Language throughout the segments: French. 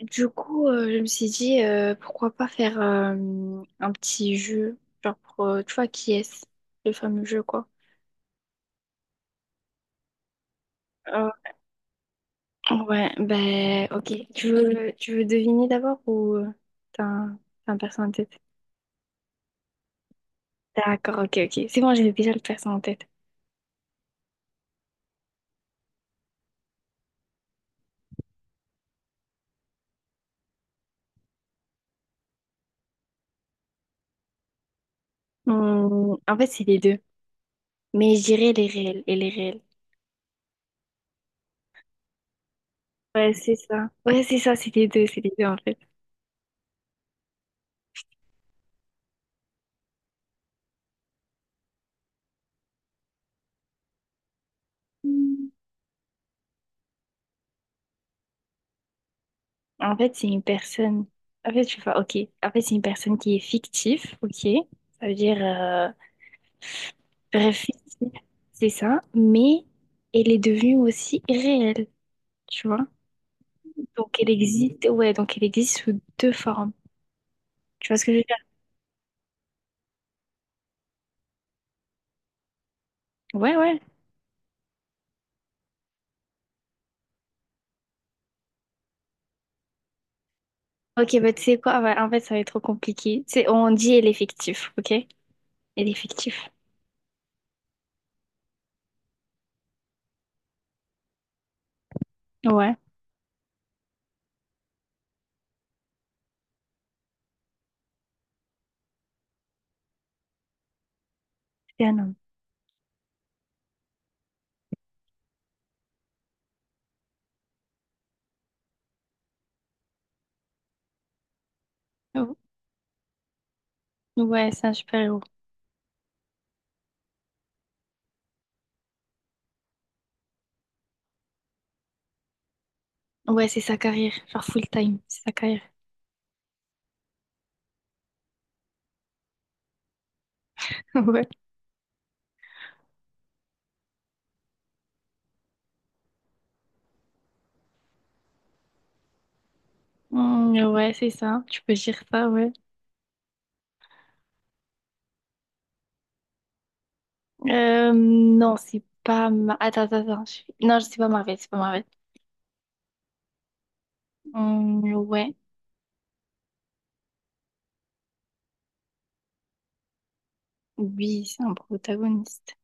Du coup, je me suis dit, pourquoi pas faire un petit jeu, genre pour, tu vois, qui est-ce, le fameux jeu, quoi. Euh, ouais, ben, ok. Tu veux deviner d'abord ou t'as un, t'as un perso en tête? D'accord, ok, ok. C'est bon, j'avais déjà le perso en tête. Hmm, en fait, c'est les deux. Mais je dirais les réels et les réels. Ouais, c'est ça. Ouais, c'est ça, c'est les deux, en fait. En fait, c'est une personne. En fait, je vois, ok. En fait, c'est une personne qui est fictive, ok. Ça veut dire, fictive, c'est ça. Mais elle est devenue aussi réelle, tu vois. Donc, elle existe, ouais, donc elle existe sous deux formes. Tu vois ce que je veux dire? Ouais, ouais. Ok, bah, tu sais quoi? Ah ouais, en fait, ça va être trop compliqué. Tu sais, on dit elle est fictive, ok? Elle est fictive. Ouais, c'est un homme. Oh. Ouais, c'est un super-héros. Ouais, c'est sa carrière, genre full-time, c'est sa carrière. Ouais. Hmm, ouais, c'est ça. Tu peux dire ça, ouais. Non, c'est pas... Ma... attends. Non, c'est pas Marvel. Hmm, ouais, oui, c'est un protagoniste.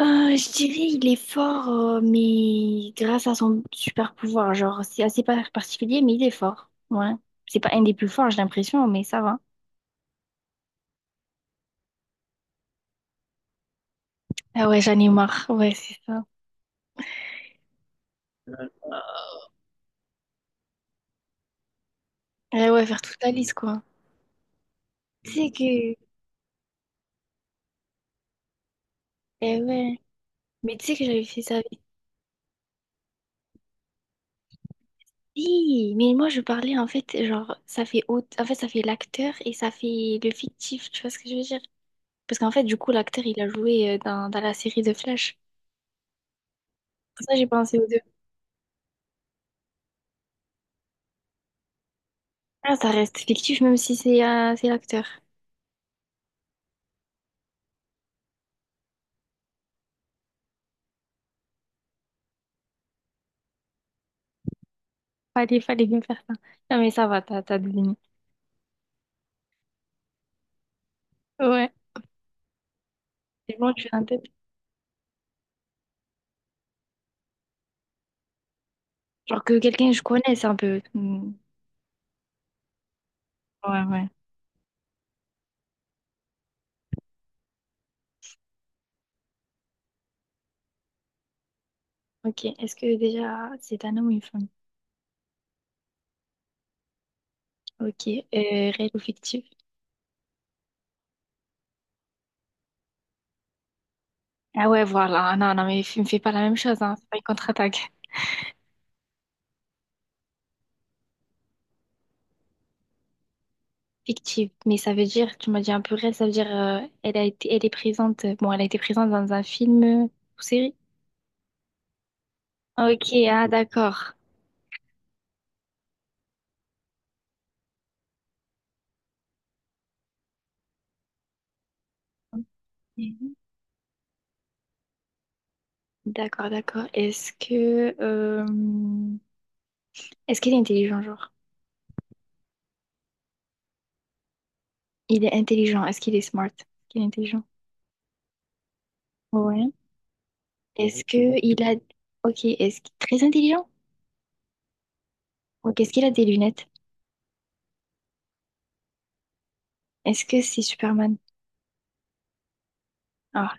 Je dirais il est fort, mais grâce à son super pouvoir. Genre, c'est assez pas particulier, mais il est fort. Ouais. C'est pas un des plus forts, j'ai l'impression, mais ça va. Ah ouais, j'en ai marre. Ouais, c'est ça. Eh ouais, faire toute la liste, quoi. Tu sais que... Eh ouais. Mais tu sais que j'avais fait ça. Oui, mais moi je parlais en fait, genre, en fait, ça fait l'acteur et ça fait le fictif, tu vois ce que je veux dire? Parce qu'en fait, du coup, l'acteur il a joué dans la série de Flash. Pour ça, j'ai pensé aux deux. Ah, ça reste fictif même si c'est l'acteur. Fallait bien faire ça. Non, mais ça va, t'as deviné. Ouais. C'est bon, tu fais un tête. Genre que quelqu'un que je connais, c'est un peu. Hmm. Ouais, ouais. Ok, est-ce que déjà c'est un homme ou une femme? Ok, réel ou fictif? Ah ouais, voilà. Non, non, mais me fais pas la même chose, hein. C'est pas une contre-attaque. Fictive, mais ça veut dire, tu m'as dit un peu réel, ça veut dire elle a été, elle est présente, bon, elle a été présente dans un film ou série. Ah, ok, ah d'accord. Mhm. D'accord, d'accord. Est-ce que, est-ce qu'il est intelligent, genre? Il est intelligent. Est-ce qu'il est smart? Est-ce qu'il est intelligent? Ouais. Est-ce que il a, ok, est-ce qu'il est très intelligent? Ok, est-ce qu'il a des lunettes? Est-ce que c'est Superman? Ah,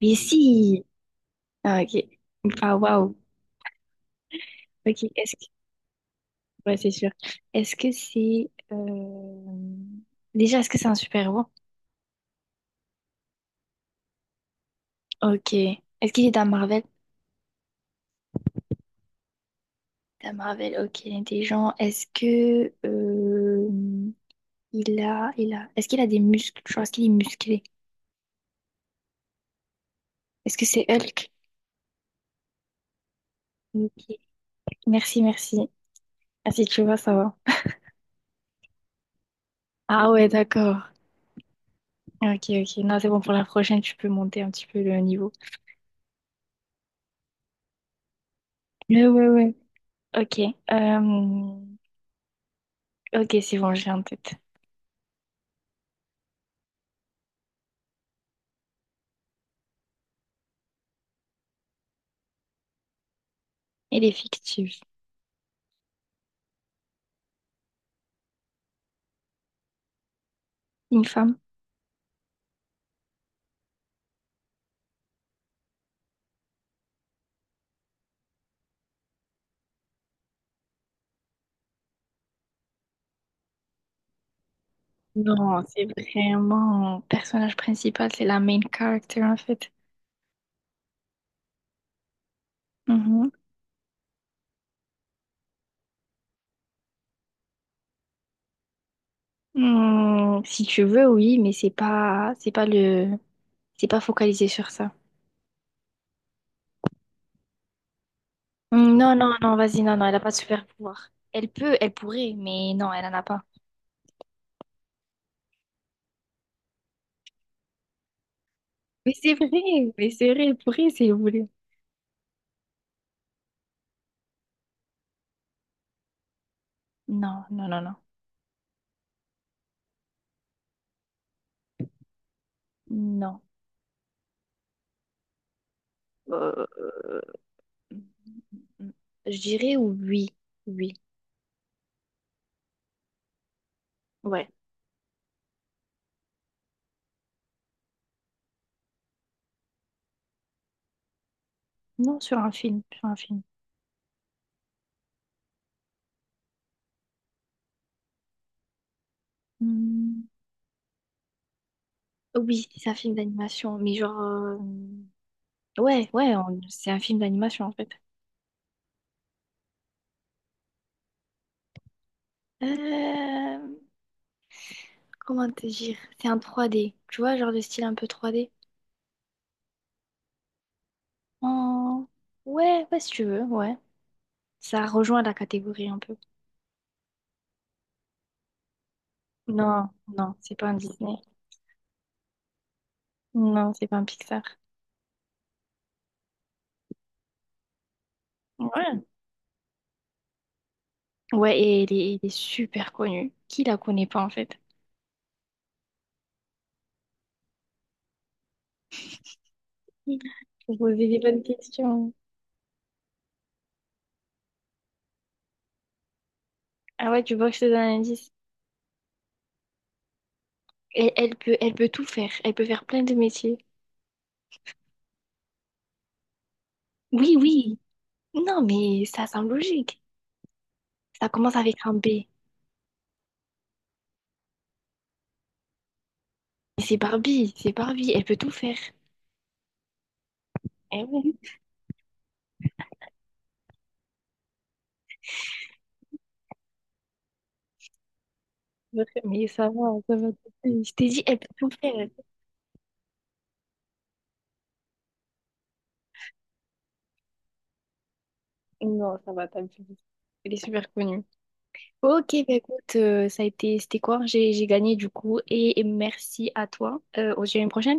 mais si. Ah, ok. Enfin, waouh. Ok. Est-ce... ouais, c'est sûr. Est-ce que c'est... euh, Déjà, est-ce que c'est un super-héros? Ok. Est-ce qu'il est dans Marvel? Dans Marvel, ok, il est intelligent. Est-ce qu'il a des muscles? Genre, est-ce qu'il est musclé? Est-ce que c'est Hulk? Ok. Merci, merci. Ah, si tu vois, ça va. Ah ouais, d'accord. Ok, ok. Non, c'est bon, pour la prochaine, tu peux monter un petit peu le niveau. Ouais, ouais, ouais. Ok. euh, Ok, c'est bon, j'ai en tête. Elle est fictive. Une femme? Non, c'est vraiment personnage principal, c'est la main character en fait. Mhm. Hmm, si tu veux, oui, mais c'est pas le, c'est pas focalisé sur ça. Hmm, non, non, non, vas-y, non, non, elle a pas de super pouvoir. Elle pourrait, mais non, elle en a pas. Mais c'est vrai, mais c'est vrai, elle pourrait si elle voulait. Non, non, non, non, non. Euh, je dirais oui, oui, ouais. Non, sur un film, sur un film. Mm. Oui, c'est un film d'animation, mais ouais, c'est un film d'animation en fait. Euh, Comment te dire? C'est un trois d tu vois, genre de style un peu trois d. En- Ouais, ouais, si tu veux, ouais. Ça rejoint la catégorie un peu. Non, non, c'est pas un Disney. Non, c'est pas un Pixar. Ouais. Ouais, et il est super connu. Qui la connaît pas en fait? Vous posez des bonnes questions. Ah ouais, tu vois que je te donne un indice. Et elle peut tout faire. Elle peut faire plein de métiers. Oui, oui. Non, mais ça semble logique. Ça commence avec un B. Et c'est Barbie, elle peut tout faire. Eh oui, mais ça va taper. Je t'ai dit, elle peut tout faire. Non, ça va taper. Elle est super connue. Ok, bah écoute, ça a été, c'était quoi? J'ai gagné du coup et merci à toi. On se dit à une prochaine.